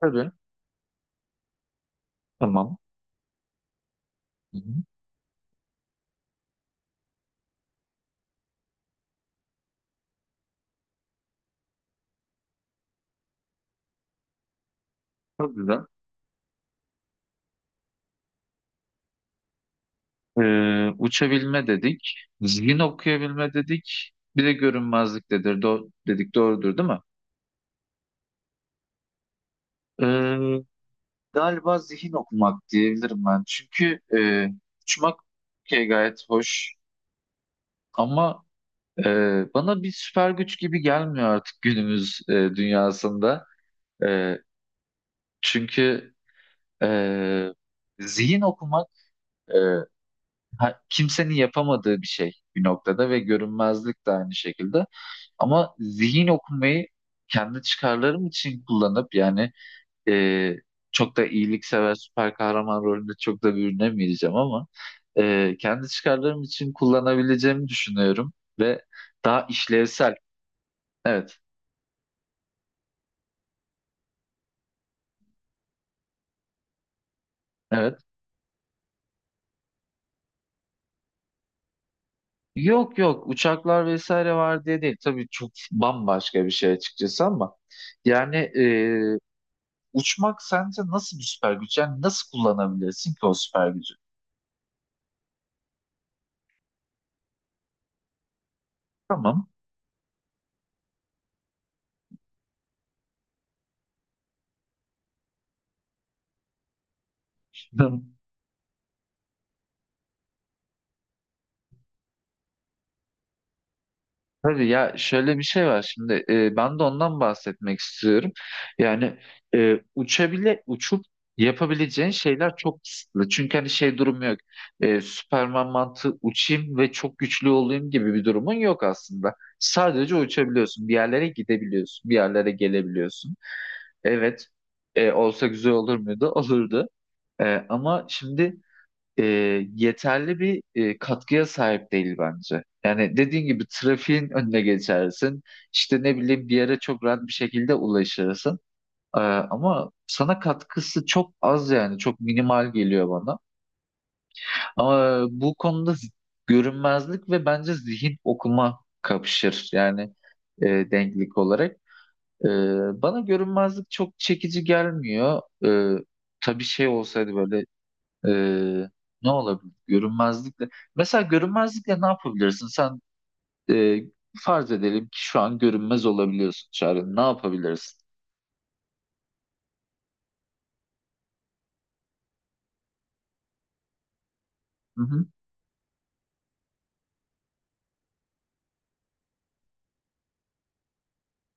Tabii. Tamam. Hı hı. Çok güzel. Uçabilme dedik. Zihin okuyabilme dedik. Bir de görünmezlik dedir, do dedik. Doğrudur değil mi? Ee, Galiba zihin okumak diyebilirim ben. Çünkü uçmak okey, gayet hoş. Ama e, bana bir süper güç gibi gelmiyor artık günümüz dünyasında. E, Çünkü e, zihin okumak e, kimsenin yapamadığı bir şey bir noktada ve görünmezlik de aynı şekilde. Ama zihin okumayı kendi çıkarlarım için kullanıp e, çok da iyiliksever süper kahraman rolünde çok da bürünemeyeceğim ama kendi çıkarlarım için kullanabileceğimi düşünüyorum ve daha işlevsel. Evet, evet. Yok yok, uçaklar vesaire var diye değil. Tabii çok bambaşka bir şey açıkçası ama yani uçmak sence nasıl bir süper güç? Yani nasıl kullanabilirsin ki o süper gücü? Tamam. Hadi ya, şöyle bir şey var şimdi, ben de ondan bahsetmek istiyorum. Yani e, uçabile uçup yapabileceğin şeyler çok kısıtlı. Çünkü hani şey durumu yok. Süperman mantığı uçayım ve çok güçlü olayım gibi bir durumun yok aslında. Sadece uçabiliyorsun. Bir yerlere gidebiliyorsun. Bir yerlere gelebiliyorsun. Evet. Olsa güzel olur muydu? Olurdu. Ama şimdi e, yeterli bir katkıya sahip değil bence. Yani dediğin gibi trafiğin önüne geçersin. İşte ne bileyim, bir yere çok rahat bir şekilde ulaşırsın. Ama sana katkısı çok az, yani çok minimal geliyor bana. Ama bu konuda görünmezlik ve bence zihin okuma kapışır, denklik olarak. E, Bana görünmezlik çok çekici gelmiyor. Tabii şey olsaydı böyle, ee, ne olabilir görünmezlikle? Mesela görünmezlikle ne yapabilirsin? Sen e, farz edelim ki şu an görünmez olabiliyorsun Çağrı. Ne yapabilirsin? Hı hı.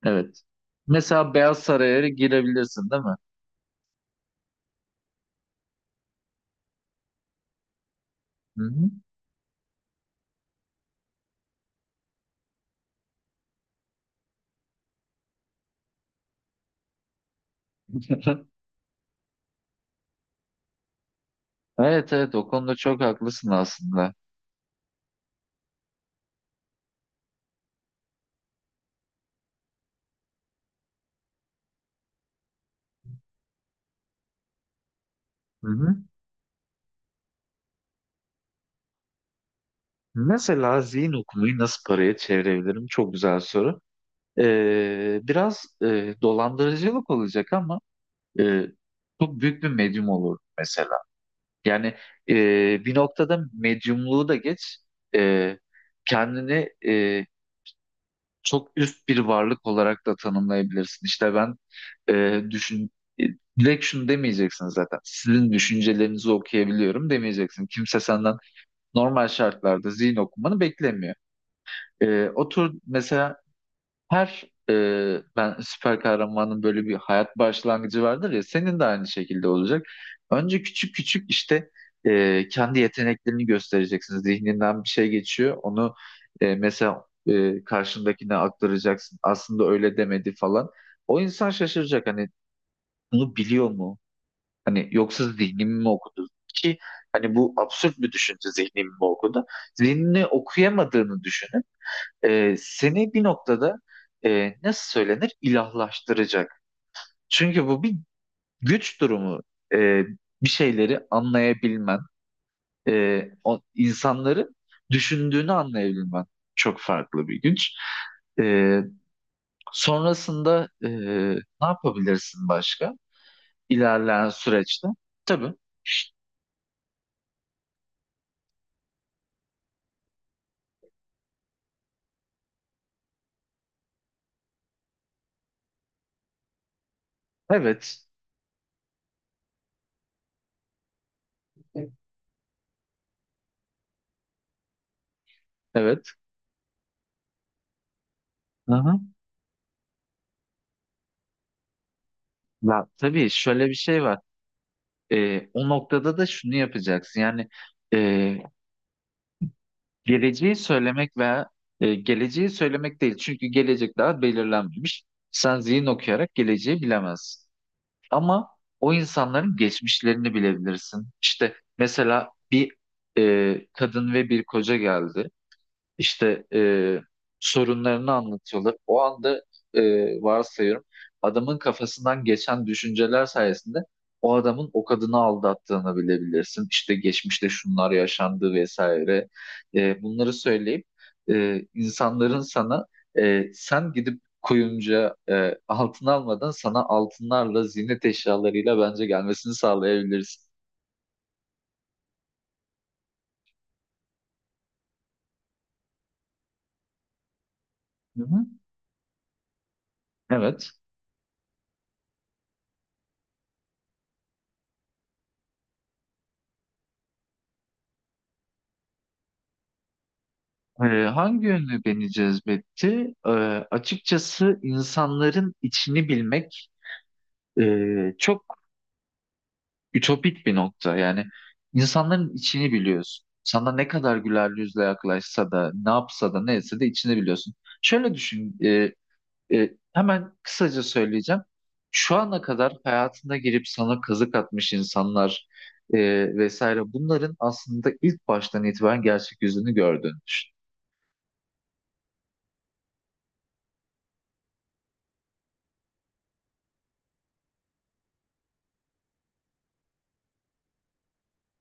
Evet. Mesela Beyaz Saray'a girebilirsin, değil mi? Hı hı. Evet evet, o konuda çok haklısın aslında. Hı hı. Mesela zihin okumayı nasıl paraya çevirebilirim? Çok güzel soru. Biraz dolandırıcılık olacak ama e, çok büyük bir medyum olur mesela. Yani Bir noktada medyumluğu da geç, e, kendini çok üst bir varlık olarak da tanımlayabilirsin. İşte ben, e, düşün, e, direkt şunu demeyeceksin zaten. Sizin düşüncelerinizi okuyabiliyorum demeyeceksin. Kimse senden normal şartlarda zihin okumanı beklemiyor. Otur mesela her e, ben, süper kahramanın böyle bir hayat başlangıcı vardır ya, senin de aynı şekilde olacak. Önce küçük küçük, işte kendi yeteneklerini göstereceksin. Zihninden bir şey geçiyor. Onu karşındakine aktaracaksın. Aslında öyle demedi falan. O insan şaşıracak, hani bunu biliyor mu? Hani yoksa zihnimi mi okudu? Ki hani bu absürt bir düşünce, zihnimi mi okudu? Zihnini okuyamadığını düşünün, seni bir noktada nasıl söylenir, ilahlaştıracak. Çünkü bu bir güç durumu. E, Bir şeyleri anlayabilmen, insanların düşündüğünü anlayabilmen çok farklı bir güç. E, Sonrasında ne yapabilirsin başka? İlerleyen süreçte. Tabii. Evet. Evet. Aha. Ya, tabii şöyle bir şey var. O noktada da şunu yapacaksın. E, Geleceği söylemek veya geleceği söylemek değil. Çünkü gelecek daha belirlenmemiş. Sen zihin okuyarak geleceği bilemezsin. Ama o insanların geçmişlerini bilebilirsin. İşte mesela bir kadın ve bir koca geldi. İşte, sorunlarını anlatıyorlar. O anda, e, varsayıyorum, adamın kafasından geçen düşünceler sayesinde o adamın o kadını aldattığını bilebilirsin. İşte geçmişte şunlar yaşandı vesaire. Bunları söyleyip insanların sana, sen gidip kuyumcuya altın almadan, sana altınlarla ziynet eşyalarıyla bence gelmesini sağlayabilirsin. Hı hı. Evet. Ee, Hangi yönlü beni cezbetti? Açıkçası insanların içini bilmek çok ütopik bir nokta. Yani insanların içini biliyorsun. Sana ne kadar güler yüzle yaklaşsa da, ne yapsa da, neyse de içini biliyorsun. Şöyle düşün, hemen kısaca söyleyeceğim. Şu ana kadar hayatına girip sana kazık atmış insanlar e, vesaire, bunların aslında ilk baştan itibaren gerçek yüzünü gördüğünü düşün.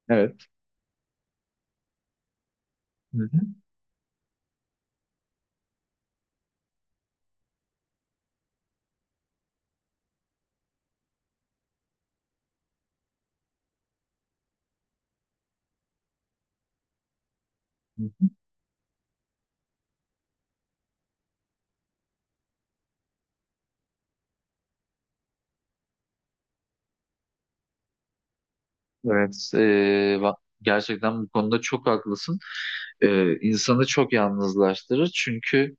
Evet. Hı hı. Evet, eee, va- Gerçekten bu konuda çok haklısın. İnsanı çok yalnızlaştırır, çünkü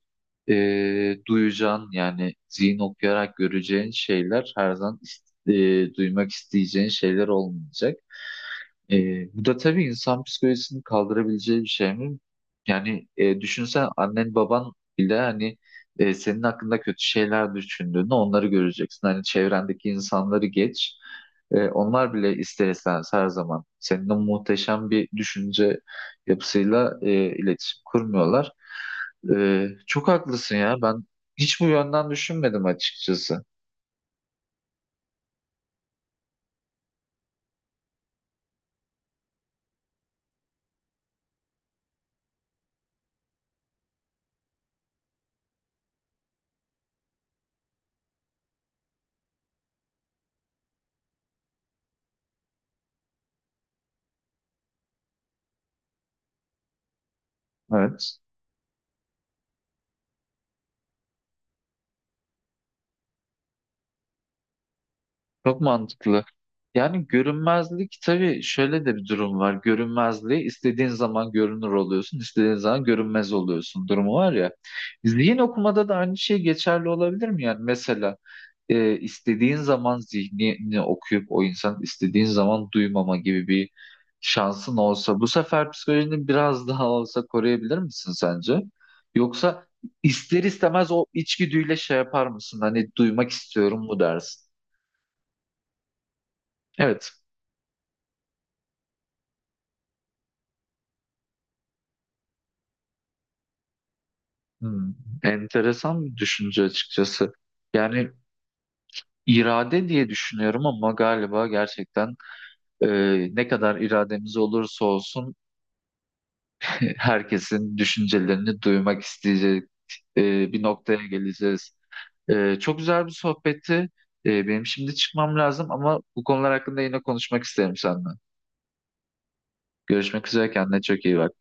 duyacağın, yani zihin okuyarak göreceğin şeyler her zaman duymak isteyeceğin şeyler olmayacak. Bu da tabii insan psikolojisini kaldırabileceği bir şey mi? Yani düşünsen annen baban bile, hani senin hakkında kötü şeyler düşündüğünü, onları göreceksin. Hani çevrendeki insanları geç. Onlar bile ister istemez her zaman seninle muhteşem bir düşünce yapısıyla iletişim kurmuyorlar. Çok haklısın ya, ben hiç bu yönden düşünmedim açıkçası. Evet, çok mantıklı. Yani görünmezlik, tabii şöyle de bir durum var. Görünmezliği istediğin zaman görünür oluyorsun, istediğin zaman görünmez oluyorsun durumu var ya. Zihin okumada da aynı şey geçerli olabilir mi? Yani mesela istediğin zaman zihnini okuyup o insan istediğin zaman duymama gibi bir şansın olsa, bu sefer psikolojini biraz daha olsa koruyabilir misin sence? Yoksa ister istemez o içgüdüyle şey yapar mısın? Hani duymak istiyorum mu dersin? Evet. Hmm, enteresan bir düşünce açıkçası. Yani irade diye düşünüyorum ama galiba gerçekten e, ne kadar irademiz olursa olsun herkesin düşüncelerini duymak isteyecek bir noktaya geleceğiz. Çok güzel bir sohbetti. Benim şimdi çıkmam lazım ama bu konular hakkında yine konuşmak isterim seninle. Görüşmek üzere, kendine çok iyi bak.